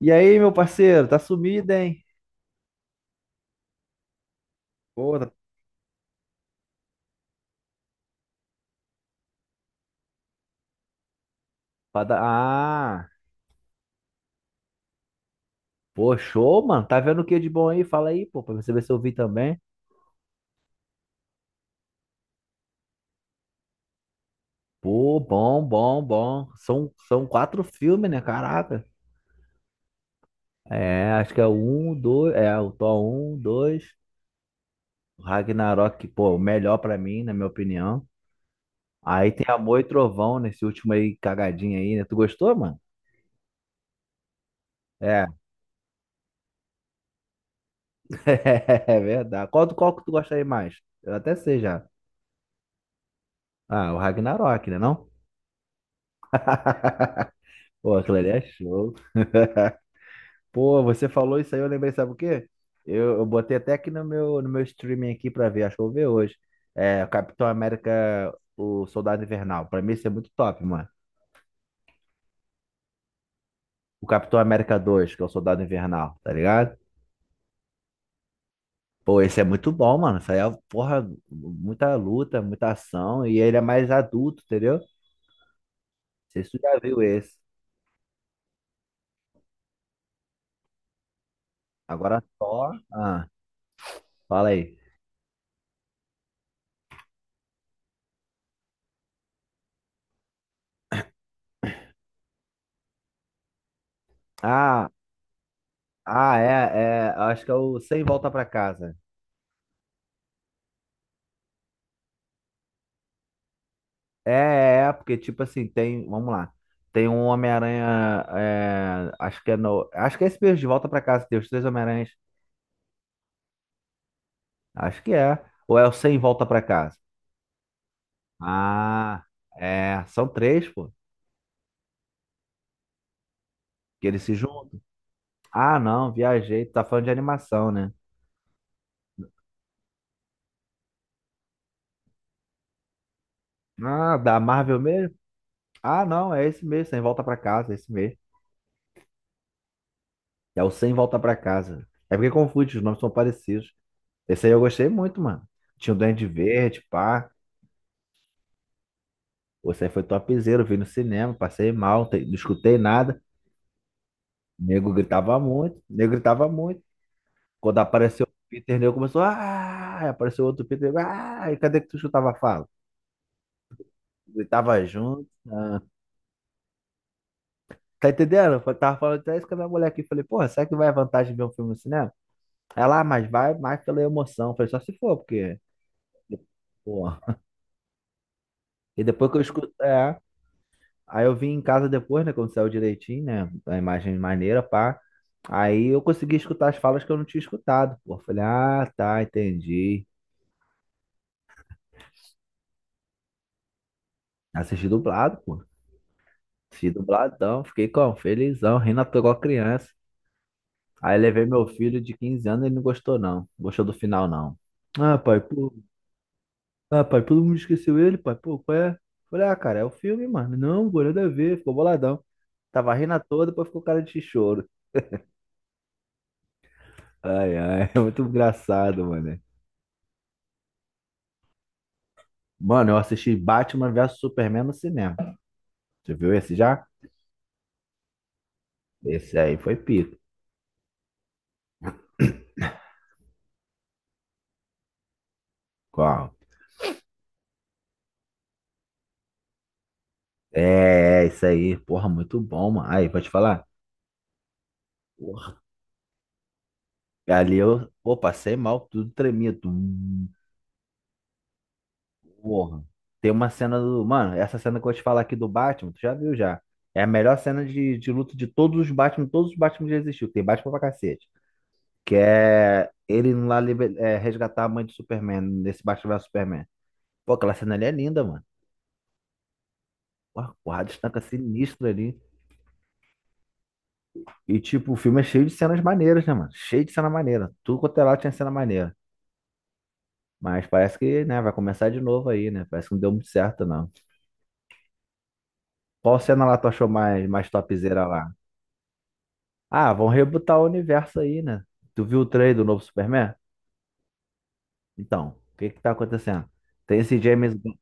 E aí, meu parceiro, tá sumido, hein? Pô, tá... pra dar- Ah, pô, show, mano. Tá vendo o que de bom aí? Fala aí, pô, pra você ver se eu vi também. Pô, bom, bom, bom. São quatro filmes, né? Caraca. É, acho que é o um, dois. É, o Thor um, 2. O Ragnarok, pô, o melhor pra mim, na minha opinião. Aí tem Amor e Trovão nesse último aí, cagadinho aí, né? Tu gostou, mano? É, é verdade. Qual que tu gosta aí mais? Eu até sei já. Ah, o Ragnarok, né, não? Pô, aquilo ali é show. Pô, você falou isso aí, eu lembrei, sabe o quê? Eu botei até aqui no meu streaming aqui pra ver, acho que eu vou ver hoje. É, Capitão América, o Soldado Invernal. Pra mim, isso é muito top, mano. O Capitão América 2 que é o Soldado Invernal, tá ligado? Pô, esse é muito bom, mano. Isso aí é, porra, muita luta, muita ação. E ele é mais adulto, entendeu? Não sei se tu já viu esse. Agora só. Ah, fala aí. Ah, ah, é, é. Acho que é o Sem Volta Pra Casa. É, é, porque tipo assim, tem, vamos lá, tem um Homem-Aranha, é, acho que é no, acho que é esse mesmo, de Volta pra Casa, que tem os três Homem-Aranhas, acho que é, ou é o sem Volta pra Casa? Ah, é, são três, pô, que eles se juntam. Ah, não, viajei, tu tá falando de animação, né? Ah, da Marvel mesmo? Ah, não, é esse mesmo, sem Volta pra Casa, é esse mesmo, é o sem Volta pra Casa, é porque confunde, os nomes são parecidos, esse aí eu gostei muito, mano, tinha o Duende Verde, pá, Você foi topzera, eu vi no cinema, passei mal, não escutei nada. O nego gritava muito, o nego gritava muito. Quando apareceu o Peter, o nego começou, ah, aí apareceu outro Peter, nego, ah, e cadê que tu escutava a fala? Gritava junto. Ah. Tá entendendo? Eu tava falando até isso com a minha mulher aqui. Falei, porra, será que vai a vantagem de ver um filme no cinema? Ela, ah, mas vai mais pela emoção. Eu falei, só se for, porque. Porra. E depois que eu escuto. É, aí eu vim em casa depois, né? Quando saiu direitinho, né? A imagem maneira, pá. Aí eu consegui escutar as falas que eu não tinha escutado, pô. Falei, ah, tá, entendi. Assisti dublado, pô. Assisti dubladão, fiquei como? Felizão, rindo à toa igual criança. Aí levei meu filho de 15 anos ele não gostou, não. Não gostou do final, não. Ah, pai, pô. Ah, pai, todo mundo esqueceu ele, pai, pô, qual é? Falei, ah, cara, é o filme, mano. Não, pô, nada a ver, ficou boladão. Tava rindo à toa, depois ficou cara de choro. Ai, ai, é muito engraçado, mano. Mano, eu assisti Batman vs Superman no cinema. Você viu esse já? Esse aí foi pico. Qual? É, é, isso aí. Porra, muito bom, mano. Aí, pode falar? Porra. Ali eu, pô, passei mal, tudo tremia. Tum. Porra. Tem uma cena do. Mano, essa cena que eu vou te falar aqui do Batman, tu já viu já. É a melhor cena de luta de todos os Batman que já existiu. Tem Batman pra cacete. Que é ele indo lá é, resgatar a mãe do Superman, nesse Batman vs Superman. Pô, aquela cena ali é linda, mano. O Arquado estanca sinistro ali. E, tipo, o filme é cheio de cenas maneiras, né, mano? Cheio de cena maneira. Tudo quanto é lá tinha cena maneira. Mas parece que, né, vai começar de novo aí, né? Parece que não deu muito certo, não. Qual cena lá tu achou mais, mais topzera lá? Ah, vão rebutar o universo aí, né? Tu viu o trailer do novo Superman? Então, o que que tá acontecendo? Tem esse James Gunn.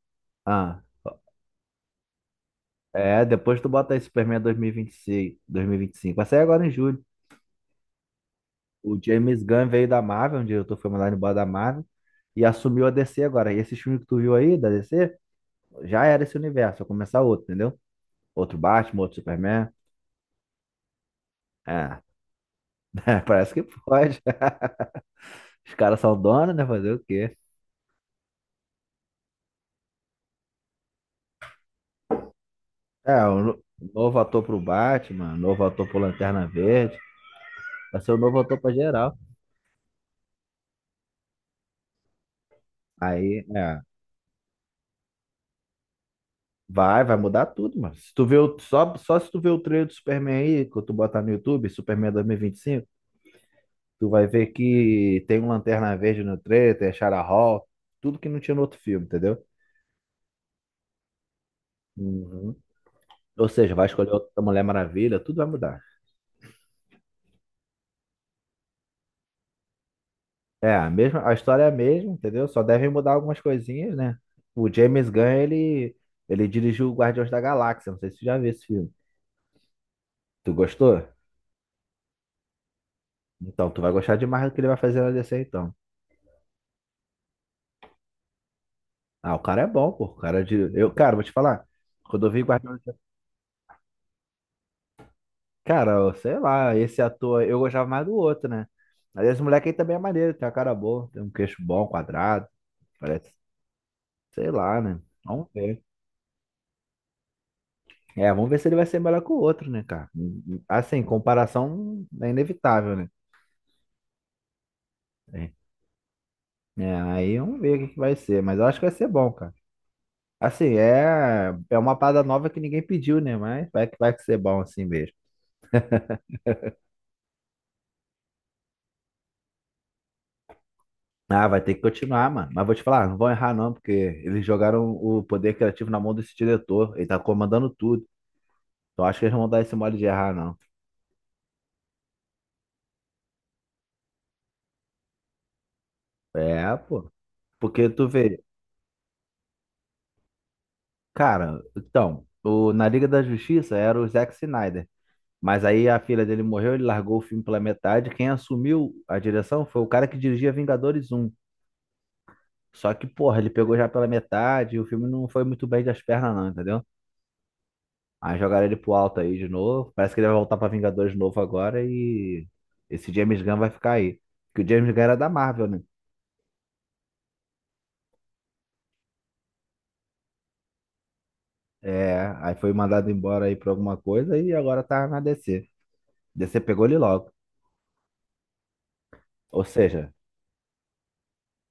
Ah, é, depois tu bota aí Superman 2026, 2025. Vai sair agora em julho. O James Gunn veio da Marvel, um diretor foi mandado embora da Marvel, e assumiu a DC agora. E esse filme que tu viu aí, da DC, já era esse universo, vai começar outro, entendeu? Outro Batman, outro Superman. É, parece que pode. Os caras são donos, né? Fazer o quê? É, novo ator pro Batman, novo ator pro Lanterna Verde, vai ser o novo ator pra geral. Aí, é, vai mudar tudo, mano. Se tu vê o, só se tu vê o trailer do Superman aí, que tu botar no YouTube, Superman 2025, tu vai ver que tem um Lanterna Verde no 3, tem a Shara Hall, tudo que não tinha no outro filme, entendeu? Uhum. Ou seja, vai escolher outra Mulher Maravilha, tudo vai mudar. É, a mesma, a história é a mesma, entendeu? Só devem mudar algumas coisinhas, né? O James Gunn, ele dirigiu o Guardiões da Galáxia, não sei se tu já viu esse filme. Tu gostou? Então, tu vai gostar demais do que ele vai fazer na DC, então. Ah, o cara é bom, pô. O cara de... Eu, cara, vou te falar. Quando eu vi Guardiões cara, eu sei lá, esse ator, eu gostava mais do outro, né? Mas esse moleque aí também é maneiro, tem uma cara boa, tem um queixo bom, quadrado, parece, sei lá, né? Vamos ver. É, vamos ver se ele vai ser melhor que o outro, né, cara? Assim, comparação é inevitável, né? É, é, aí vamos ver o que que vai ser, mas eu acho que vai ser bom, cara. Assim, é, é uma parada nova que ninguém pediu, né? Mas vai que vai ser bom assim mesmo. Ah, vai ter que continuar, mano. Mas vou te falar, não vão errar não, porque eles jogaram o poder criativo na mão desse diretor. Ele tá comandando tudo. Eu acho que eles vão dar esse mole de errar, não. É, pô. Porque tu vê, cara, então, o, na Liga da Justiça era o Zack Snyder. Mas aí a filha dele morreu, ele largou o filme pela metade. Quem assumiu a direção foi o cara que dirigia Vingadores um. Só que, porra, ele pegou já pela metade e o filme não foi muito bem das pernas, não, entendeu? Aí jogaram ele pro alto aí de novo. Parece que ele vai voltar pra Vingadores de novo agora e esse James Gunn vai ficar aí. Porque o James Gunn era da Marvel, né? É, aí foi mandado embora aí por alguma coisa e agora tá na DC. DC pegou ele logo. Ou seja,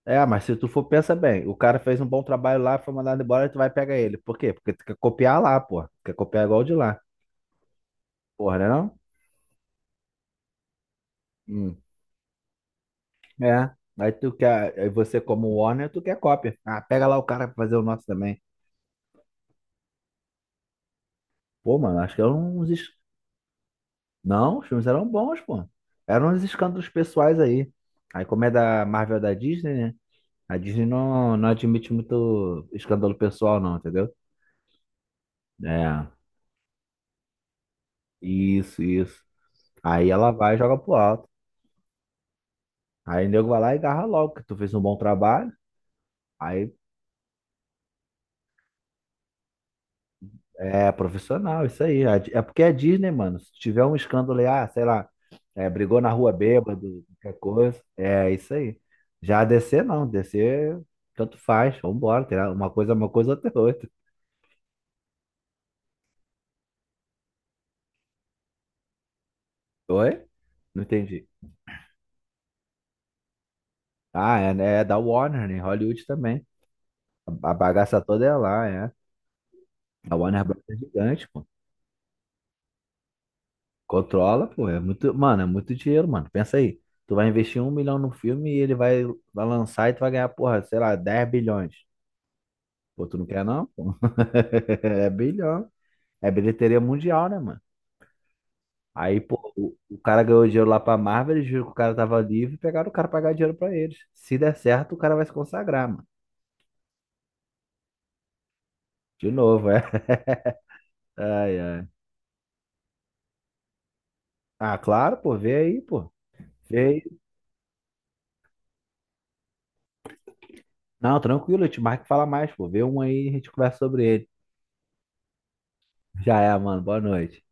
é, mas se tu for, pensa bem, o cara fez um bom trabalho lá, foi mandado embora, e tu vai pegar ele. Por quê? Porque tu quer copiar lá, pô. Quer copiar igual o de lá. Porra, né não? Hum. É. Aí tu quer, aí você como Warner, tu quer cópia. Ah, pega lá o cara pra fazer o nosso também. Pô, mano, acho que eram uns... Não, os filmes eram bons, pô. Eram uns escândalos pessoais aí. Aí como é da Marvel é da Disney, né? A Disney não, não admite muito escândalo pessoal, não, entendeu? É, isso, isso. Aí ela vai e joga pro alto. Aí o nego vai lá e agarra logo, que tu fez um bom trabalho. Aí é profissional, isso aí. É porque é Disney, mano. Se tiver um escândalo aí, ah, sei lá, é, brigou na rua bêbado, qualquer coisa. É isso aí. Já a DC não, DC tanto faz, vambora. Tem uma coisa é uma coisa, outra é outra. Oi? Não entendi. Ah, é, né? É da Warner, né? Hollywood também. A bagaça toda é lá, é. A Warner Bros. É gigante, pô. Controla, pô. É muito, mano, é muito dinheiro, mano. Pensa aí. Tu vai investir um milhão no filme e ele vai, vai lançar e tu vai ganhar, porra, sei lá, 10 bilhões. Pô, tu não quer não, pô? É bilhão. É bilheteria mundial, né, mano? Aí, pô, o cara ganhou dinheiro lá pra Marvel, eles viram que o cara tava livre e pegaram o cara pra pagar dinheiro pra eles. Se der certo, o cara vai se consagrar, mano. De novo, é. Ai, ai. Ah, claro, pô, vê aí, pô. Vê não, tranquilo, eu te marco e fala mais, pô. Vê um aí e a gente conversa sobre ele. Já é, mano. Boa noite.